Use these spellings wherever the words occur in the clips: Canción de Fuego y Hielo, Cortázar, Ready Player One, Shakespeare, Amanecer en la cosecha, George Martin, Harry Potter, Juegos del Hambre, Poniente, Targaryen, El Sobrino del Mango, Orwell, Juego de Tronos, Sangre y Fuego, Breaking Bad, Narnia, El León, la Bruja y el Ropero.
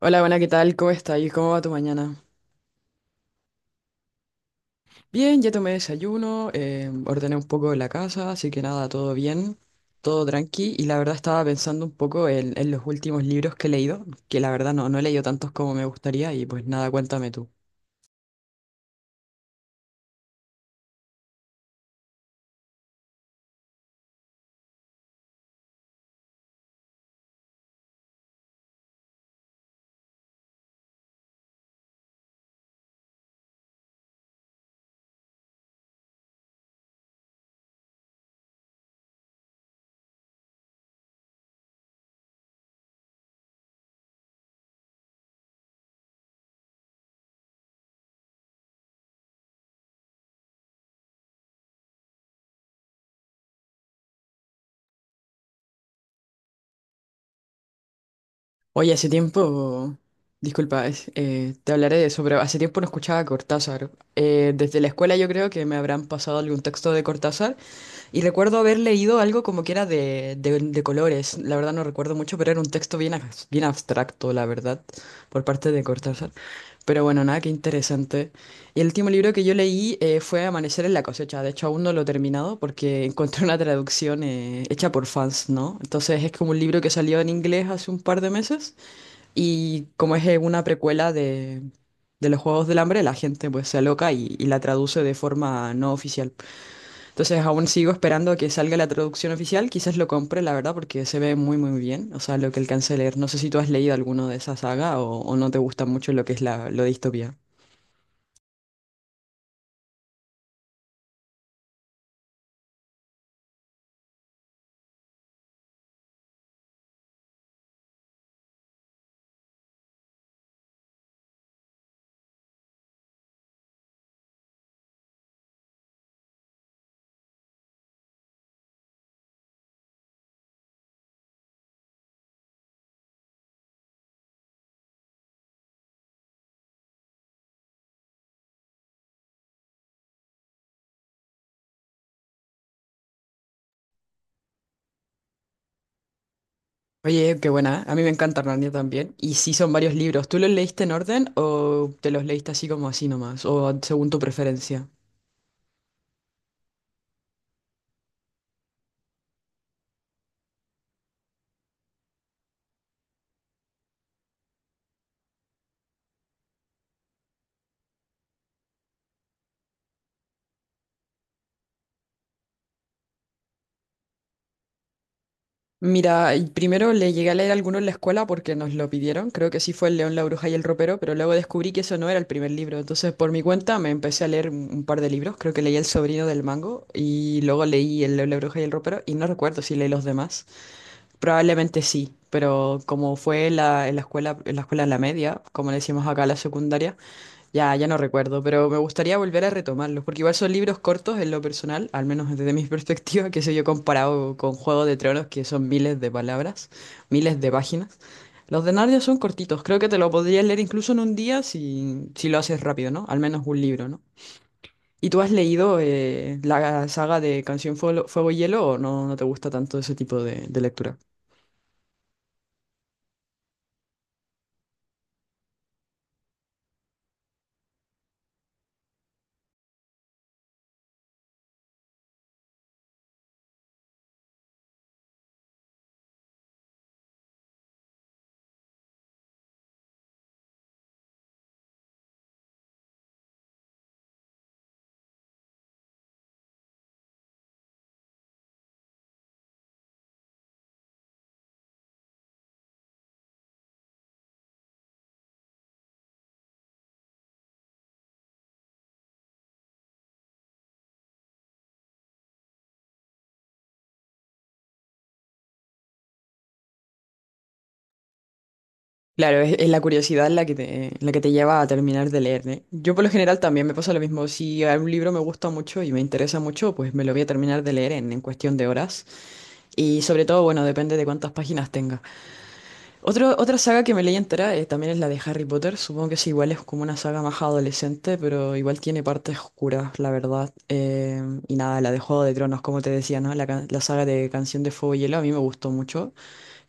Hola, buena, ¿qué tal? ¿Cómo está? Y ¿cómo va tu mañana? Bien, ya tomé desayuno, ordené un poco de la casa, así que nada, todo bien, todo tranqui. Y la verdad estaba pensando un poco en los últimos libros que he leído, que la verdad no, no he leído tantos como me gustaría y pues nada, cuéntame tú. Oye, hace tiempo, disculpa, te hablaré de eso, pero hace tiempo no escuchaba a Cortázar. Desde la escuela yo creo que me habrán pasado algún texto de Cortázar. Y recuerdo haber leído algo como que era de colores, la verdad no recuerdo mucho, pero era un texto bien, bien abstracto, la verdad, por parte de Cortázar. Pero bueno, nada, qué interesante. Y el último libro que yo leí fue Amanecer en la cosecha, de hecho aún no lo he terminado porque encontré una traducción hecha por fans, ¿no? Entonces es como un libro que salió en inglés hace un par de meses y como es una precuela de los Juegos del Hambre, la gente pues se aloca y la traduce de forma no oficial. Entonces aún sigo esperando a que salga la traducción oficial. Quizás lo compre, la verdad, porque se ve muy, muy bien. O sea, lo que alcancé a leer. No sé si tú has leído alguno de esa saga o no te gusta mucho lo que es lo de distopía. Oye, qué buena, ¿eh? A mí me encanta Narnia también. Y sí son varios libros. ¿Tú los leíste en orden o te los leíste así como así nomás? O según tu preferencia. Mira, y primero le llegué a leer alguno en la escuela porque nos lo pidieron, creo que sí fue El León, la Bruja y el Ropero, pero luego descubrí que eso no era el primer libro, entonces por mi cuenta me empecé a leer un par de libros, creo que leí El Sobrino del Mango y luego leí El León, la Bruja y el Ropero y no recuerdo si leí los demás, probablemente sí, pero como fue en la escuela, en la media, como le decimos acá la secundaria, ya, ya no recuerdo, pero me gustaría volver a retomarlos, porque igual son libros cortos en lo personal, al menos desde mi perspectiva, que sé yo, comparado con Juego de Tronos, que son miles de palabras, miles de páginas. Los de Narnia son cortitos, creo que te lo podrías leer incluso en un día si, si lo haces rápido, ¿no? Al menos un libro, ¿no? ¿Y tú has leído la saga de Canción Fuego y Hielo o no, no te gusta tanto ese tipo de lectura? Claro, es la curiosidad la que te lleva a terminar de leer, ¿eh? Yo por lo general también me pasa lo mismo. Si un libro me gusta mucho y me interesa mucho, pues me lo voy a terminar de leer en cuestión de horas. Y sobre todo, bueno, depende de cuántas páginas tenga. Otra saga que me leí entera también es la de Harry Potter. Supongo que es igual, es como una saga más adolescente, pero igual tiene partes oscuras, la verdad. Y nada, la de Juego de Tronos, como te decía, ¿no? La saga de Canción de Fuego y Hielo a mí me gustó mucho.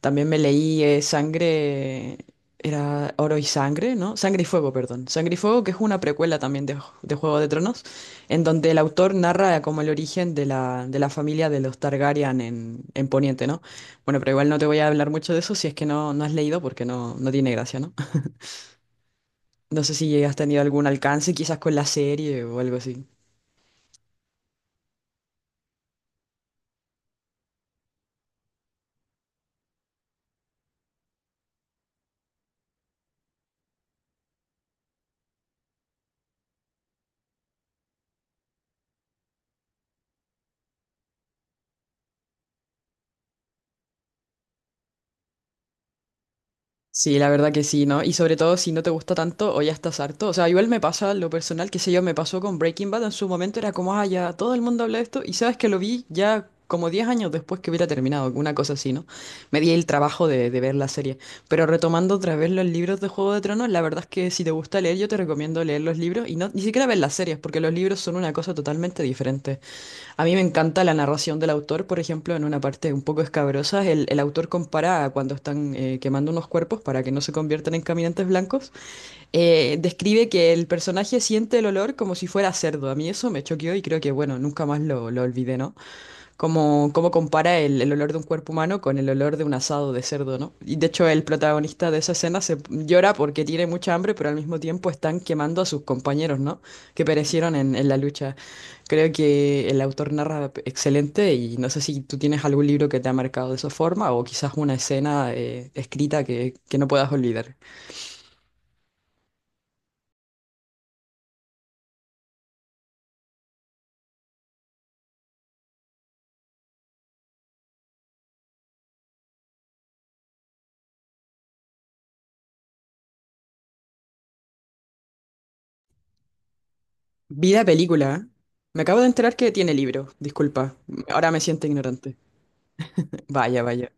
También me leí Sangre, era Oro y Sangre, ¿no? Sangre y Fuego, perdón. Sangre y Fuego, que es una precuela también de Juego de Tronos, en donde el autor narra como el origen de la familia de los Targaryen en Poniente, ¿no? Bueno, pero igual no te voy a hablar mucho de eso si es que no, no has leído, porque no, no tiene gracia, ¿no? No sé si has tenido algún alcance quizás con la serie o algo así. Sí, la verdad que sí, ¿no? Y sobre todo si no te gusta tanto o ya estás harto. O sea, igual me pasa lo personal, qué sé yo, me pasó con Breaking Bad en su momento, era como, ah, ya todo el mundo habla de esto. Y sabes que lo vi ya como 10 años después que hubiera terminado, una cosa así, ¿no? Me di el trabajo de ver la serie. Pero retomando otra vez los libros de Juego de Tronos, la verdad es que si te gusta leer, yo te recomiendo leer los libros y no, ni siquiera ver las series, porque los libros son una cosa totalmente diferente. A mí me encanta la narración del autor, por ejemplo, en una parte un poco escabrosa, el autor compara a cuando están quemando unos cuerpos para que no se conviertan en caminantes blancos, describe que el personaje siente el olor como si fuera cerdo. A mí eso me choqueó y creo que, bueno, nunca más lo olvidé, ¿no? Cómo compara el olor de un cuerpo humano con el olor de un asado de cerdo, ¿no? Y de hecho el protagonista de esa escena se llora porque tiene mucha hambre, pero al mismo tiempo están quemando a sus compañeros, ¿no? Que perecieron en la lucha. Creo que el autor narra excelente y no sé si tú tienes algún libro que te ha marcado de esa forma o quizás una escena escrita que no puedas olvidar. Vida película. ¿Eh? Me acabo de enterar que tiene libro, disculpa. Ahora me siento ignorante. Vaya, vaya.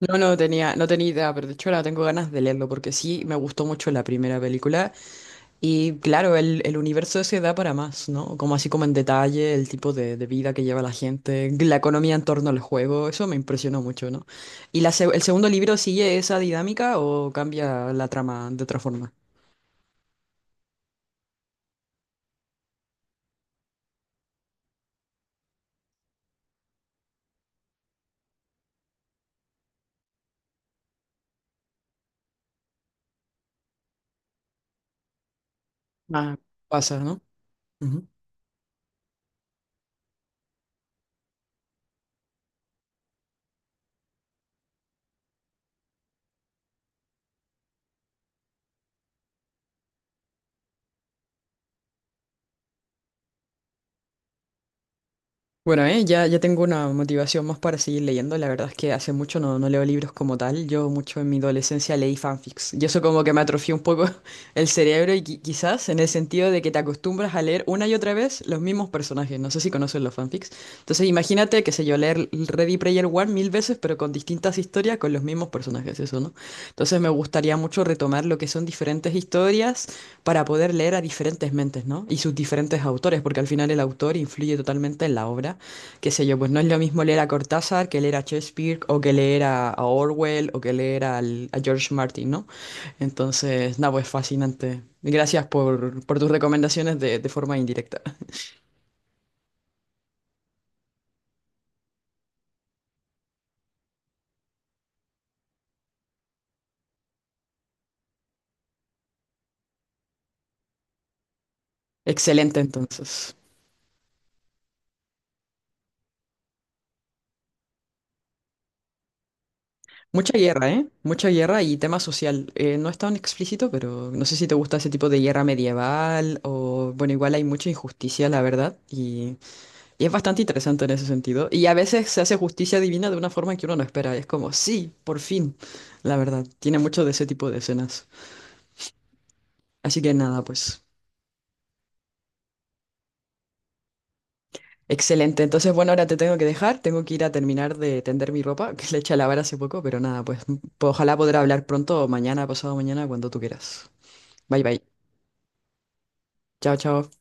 No, no tenía idea, pero de hecho ahora tengo ganas de leerlo porque sí me gustó mucho la primera película y claro, el universo se da para más, ¿no? Como así como en detalle el tipo de vida que lleva la gente, la economía en torno al juego, eso me impresionó mucho, ¿no? ¿Y la, el segundo libro sigue esa dinámica o cambia la trama de otra forma? Ah, pasa, ¿no? Bueno, ya, ya tengo una motivación más para seguir leyendo. La verdad es que hace mucho no, no leo libros como tal. Yo mucho en mi adolescencia leí fanfics. Y eso como que me atrofió un poco el cerebro y quizás en el sentido de que te acostumbras a leer una y otra vez los mismos personajes. No sé si conoces los fanfics. Entonces imagínate, qué sé yo, leer Ready Player One mil veces, pero con distintas historias, con los mismos personajes, eso, ¿no? Entonces me gustaría mucho retomar lo que son diferentes historias para poder leer a diferentes mentes, ¿no? Y sus diferentes autores, porque al final el autor influye totalmente en la obra. Qué sé yo, pues no es lo mismo leer a Cortázar que leer a Shakespeare o que leer a Orwell o que leer a George Martin, ¿no? Entonces, nada, pues fascinante. Gracias por tus recomendaciones de forma indirecta. Excelente, entonces. Mucha guerra, ¿eh? Mucha guerra y tema social. No es tan explícito, pero no sé si te gusta ese tipo de guerra medieval o, bueno, igual hay mucha injusticia, la verdad, y es bastante interesante en ese sentido. Y a veces se hace justicia divina de una forma que uno no espera. Es como, sí, por fin. La verdad, tiene mucho de ese tipo de escenas. Así que nada, pues. Excelente. Entonces, bueno, ahora te tengo que dejar. Tengo que ir a terminar de tender mi ropa, que le eché a lavar hace poco, pero nada, pues ojalá podrá hablar pronto, o mañana, pasado mañana, cuando tú quieras. Bye bye. Chao, chao.